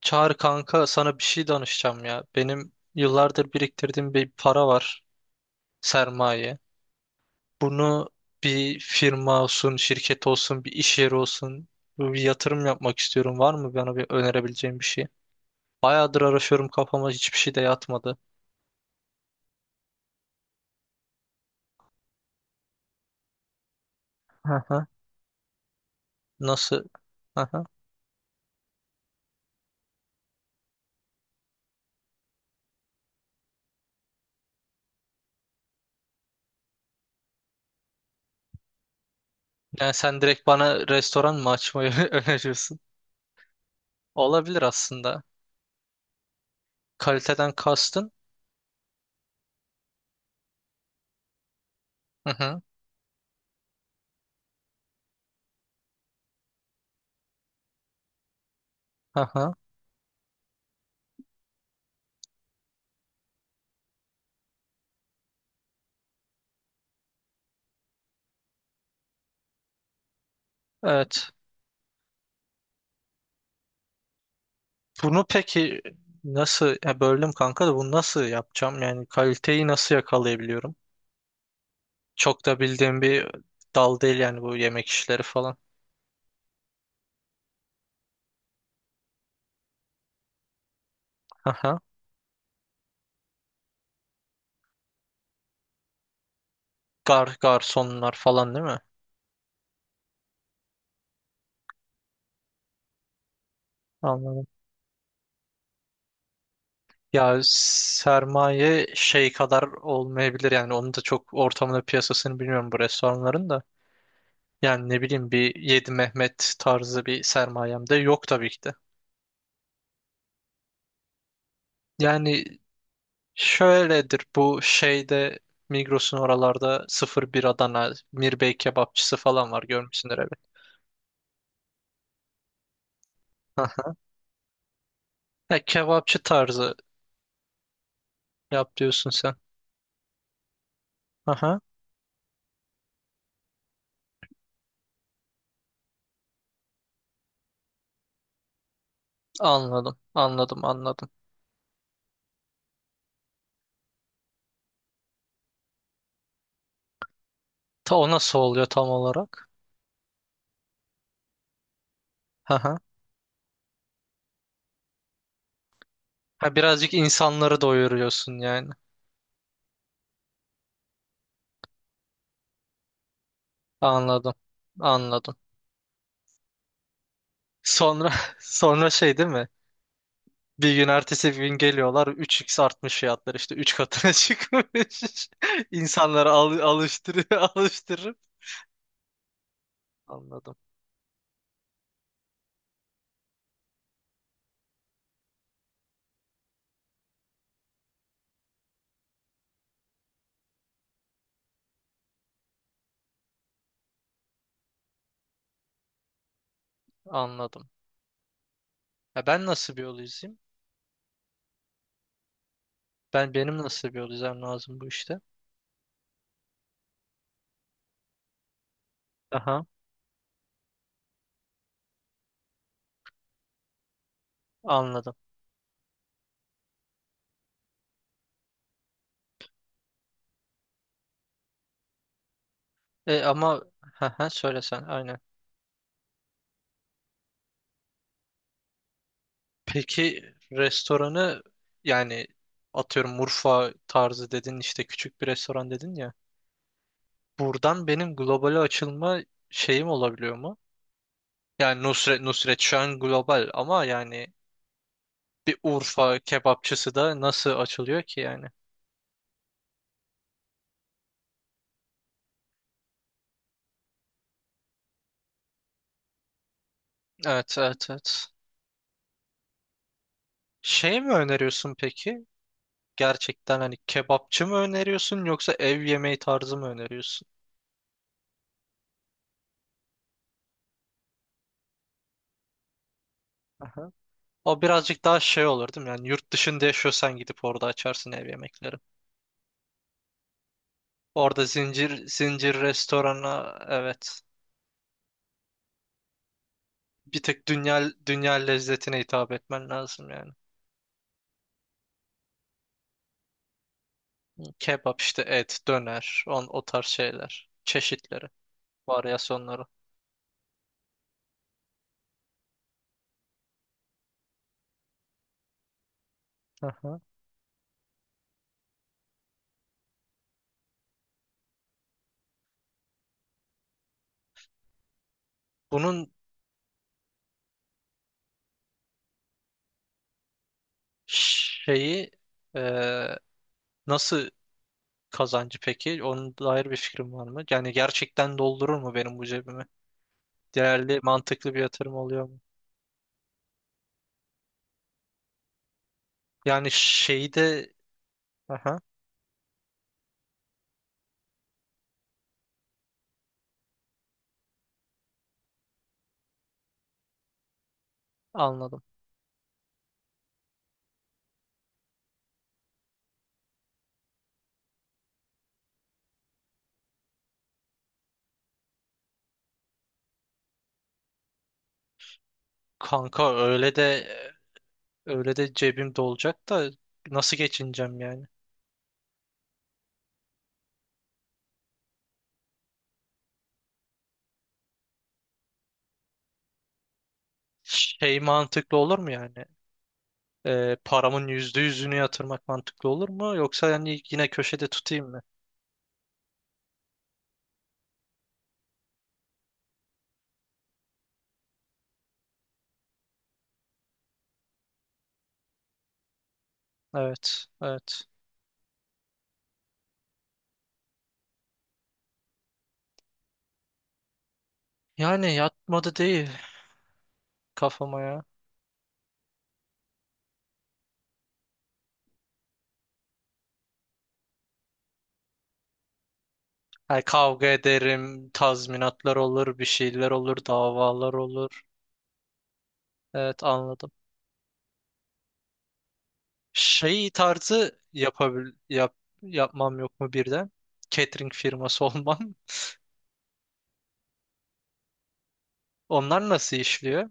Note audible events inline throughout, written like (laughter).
Çağır kanka sana bir şey danışacağım ya. Benim yıllardır biriktirdiğim bir para var, sermaye. Bunu bir firma olsun, şirket olsun, bir iş yeri olsun bir yatırım yapmak istiyorum. Var mı bana bir önerebileceğin bir şey? Bayağıdır araşıyorum, kafama hiçbir şey de yatmadı. Hı hı. Nasıl? Hı hı. Yani sen direkt bana restoran mı açmayı (laughs) öneriyorsun? Olabilir aslında. Kaliteden kastın. Hı hı. Hı hı. Evet. Bunu peki nasıl, ya böldüm kanka, da bunu nasıl yapacağım? Yani kaliteyi nasıl yakalayabiliyorum? Çok da bildiğim bir dal değil yani, bu yemek işleri falan. Aha. Garsonlar falan değil mi? Anladım. Ya sermaye şey kadar olmayabilir yani, onu da çok, ortamını, piyasasını bilmiyorum bu restoranların da. Yani ne bileyim, bir Yedi Mehmet tarzı bir sermayem de yok tabii ki de. Yani şöyledir bu şeyde, Migros'un oralarda 01 Adana Mirbey kebapçısı falan var, görmüşsündür, evet. Aha. Ha, kebapçı tarzı yap diyorsun sen. Aha. Anladım, anladım, anladım. Ta o nasıl oluyor tam olarak? Aha. Ha, birazcık insanları doyuruyorsun yani. Anladım, anladım. Sonra (laughs) sonra şey değil mi? Bir gün ertesi gün geliyorlar, üç x artmış fiyatlar, işte 3 katına (laughs) çıkmış. İnsanları alıştırıyor, (laughs) alıştırır. Anladım. Anladım. Ya ben nasıl bir yol izleyeyim? Benim nasıl bir yol izlemem lazım bu işte? Aha, anladım. E ama ha söyle sen, aynen. Peki restoranı, yani atıyorum Urfa tarzı dedin, işte küçük bir restoran dedin ya. Buradan benim globale açılma şeyim olabiliyor mu? Yani Nusret şu an global ama yani, bir Urfa kebapçısı da nasıl açılıyor ki yani? Evet, evet, evet. Şey mi öneriyorsun peki? Gerçekten hani kebapçı mı öneriyorsun, yoksa ev yemeği tarzı mı öneriyorsun? Aha. O birazcık daha şey olur değil mi? Yani yurt dışında yaşıyorsan gidip orada açarsın ev yemekleri. Orada zincir zincir restorana, evet. Bir tek dünya lezzetine hitap etmen lazım yani. Kebap işte, et, döner, o tarz şeyler, çeşitleri, varyasyonları. Aha. Bunun şeyi, e, nasıl kazancı peki? Onun dair bir fikrim var mı? Yani gerçekten doldurur mu benim bu cebimi? Değerli, mantıklı bir yatırım oluyor mu? Yani şeyi de, aha, anladım. Kanka öyle de, öyle de cebim dolacak da nasıl geçineceğim yani? Şey mantıklı olur mu yani? Paramın %100'ünü yatırmak mantıklı olur mu? Yoksa yani yine köşede tutayım mı? Evet, evet. Yani yatmadı değil kafama ya. Yani kavga ederim, tazminatlar olur, bir şeyler olur, davalar olur. Evet, anladım. Şey tarzı yapabil yap yapmam yok mu birden? Catering firması (laughs) olmam. Onlar nasıl işliyor?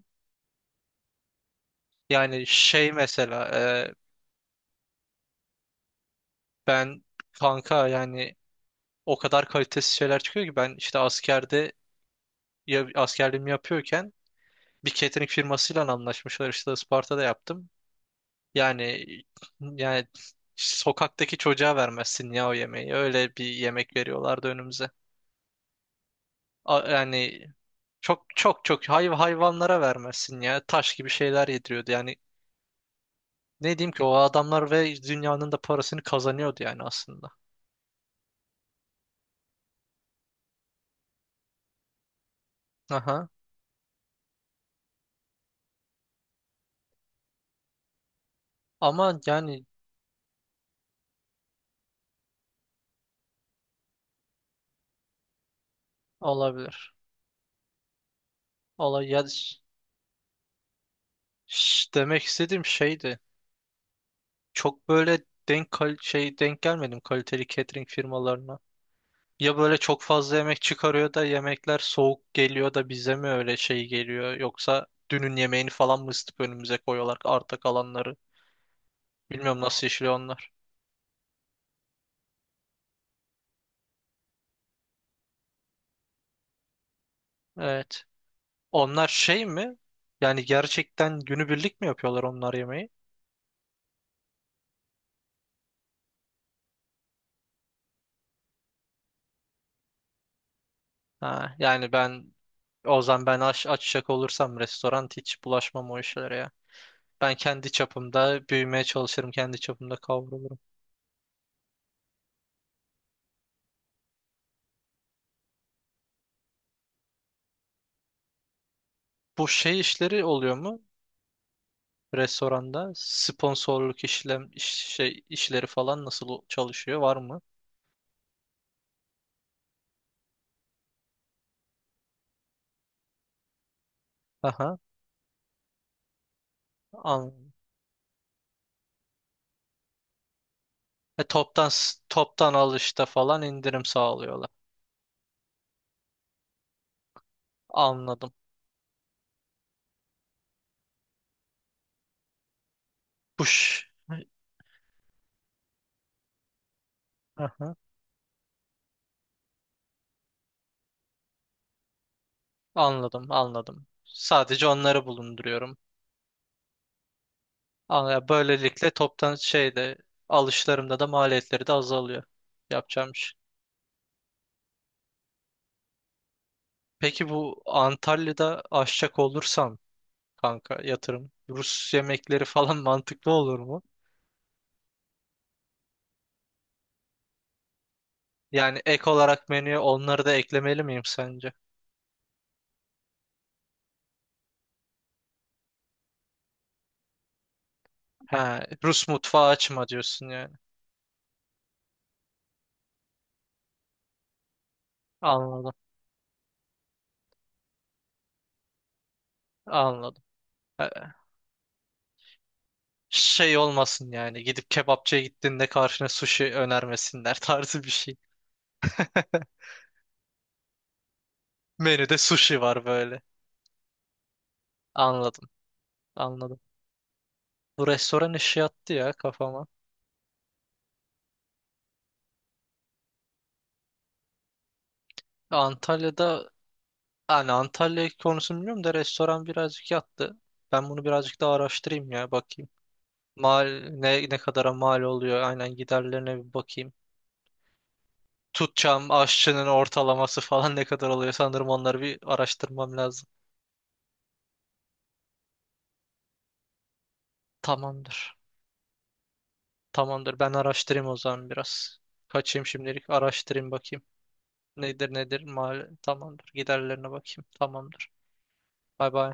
Yani şey mesela, e, ben kanka yani, o kadar kalitesiz şeyler çıkıyor ki, ben işte askerde, ya, askerliğimi yapıyorken bir catering firmasıyla anlaşmışlar, işte Isparta'da yaptım. Yani yani sokaktaki çocuğa vermezsin ya o yemeği. Öyle bir yemek veriyorlardı önümüze. Yani çok, çok, çok, hayvanlara vermezsin ya. Taş gibi şeyler yediriyordu. Yani ne diyeyim ki, o adamlar ve dünyanın da parasını kazanıyordu yani aslında. Aha. Ama yani olabilir. Olay ya, şş, demek istediğim şeydi. Çok böyle denk gelmedim kaliteli catering firmalarına. Ya böyle çok fazla yemek çıkarıyor da yemekler soğuk geliyor da bize mi öyle şey geliyor? Yoksa dünün yemeğini falan mı ısıtıp önümüze koyuyorlar, arta kalanları? Bilmiyorum nasıl işliyor onlar. Evet. Onlar şey mi? Yani gerçekten günübirlik mi yapıyorlar onlar yemeği? Ha, yani ben o zaman, ben açacak olursam restoran, hiç bulaşmam o işlere ya. Ben kendi çapımda büyümeye çalışırım, kendi çapımda kavrulurum. Bu şey işleri oluyor mu? Restoranda sponsorluk işlem iş- şey işleri falan nasıl çalışıyor, var mı? Aha. an toptan, toptan alışta falan indirim sağlıyorlar. Anladım. Push. Aha. Anladım, anladım. Sadece onları bulunduruyorum. Böylelikle toptan şeyde, alışlarımda da maliyetleri de azalıyor. Yapacağım iş. Peki bu Antalya'da aşçak olursam kanka yatırım, Rus yemekleri falan (laughs) mantıklı olur? Yani ek olarak menüye onları da eklemeli miyim sence? Ha, Rus mutfağı açma diyorsun yani. Anladım. Anladım. Ha, şey olmasın yani, gidip kebapçıya gittiğinde karşına sushi önermesinler (laughs) tarzı bir şey. (laughs) Menüde sushi var böyle. Anladım. Anladım. Bu restoran işi yattı ya kafama. Antalya'da, yani Antalya konusunu bilmiyorum da, restoran birazcık yattı. Ben bunu birazcık daha araştırayım ya, bakayım. Mal ne kadara mal oluyor, aynen, giderlerine bir bakayım. Tutacağım aşçının ortalaması falan ne kadar oluyor, sanırım onları bir araştırmam lazım. Tamamdır. Tamamdır. Ben araştırayım o zaman biraz. Kaçayım şimdilik. Araştırayım, bakayım. Nedir, nedir? Mal tamamdır. Giderlerine bakayım. Tamamdır. Bay bay.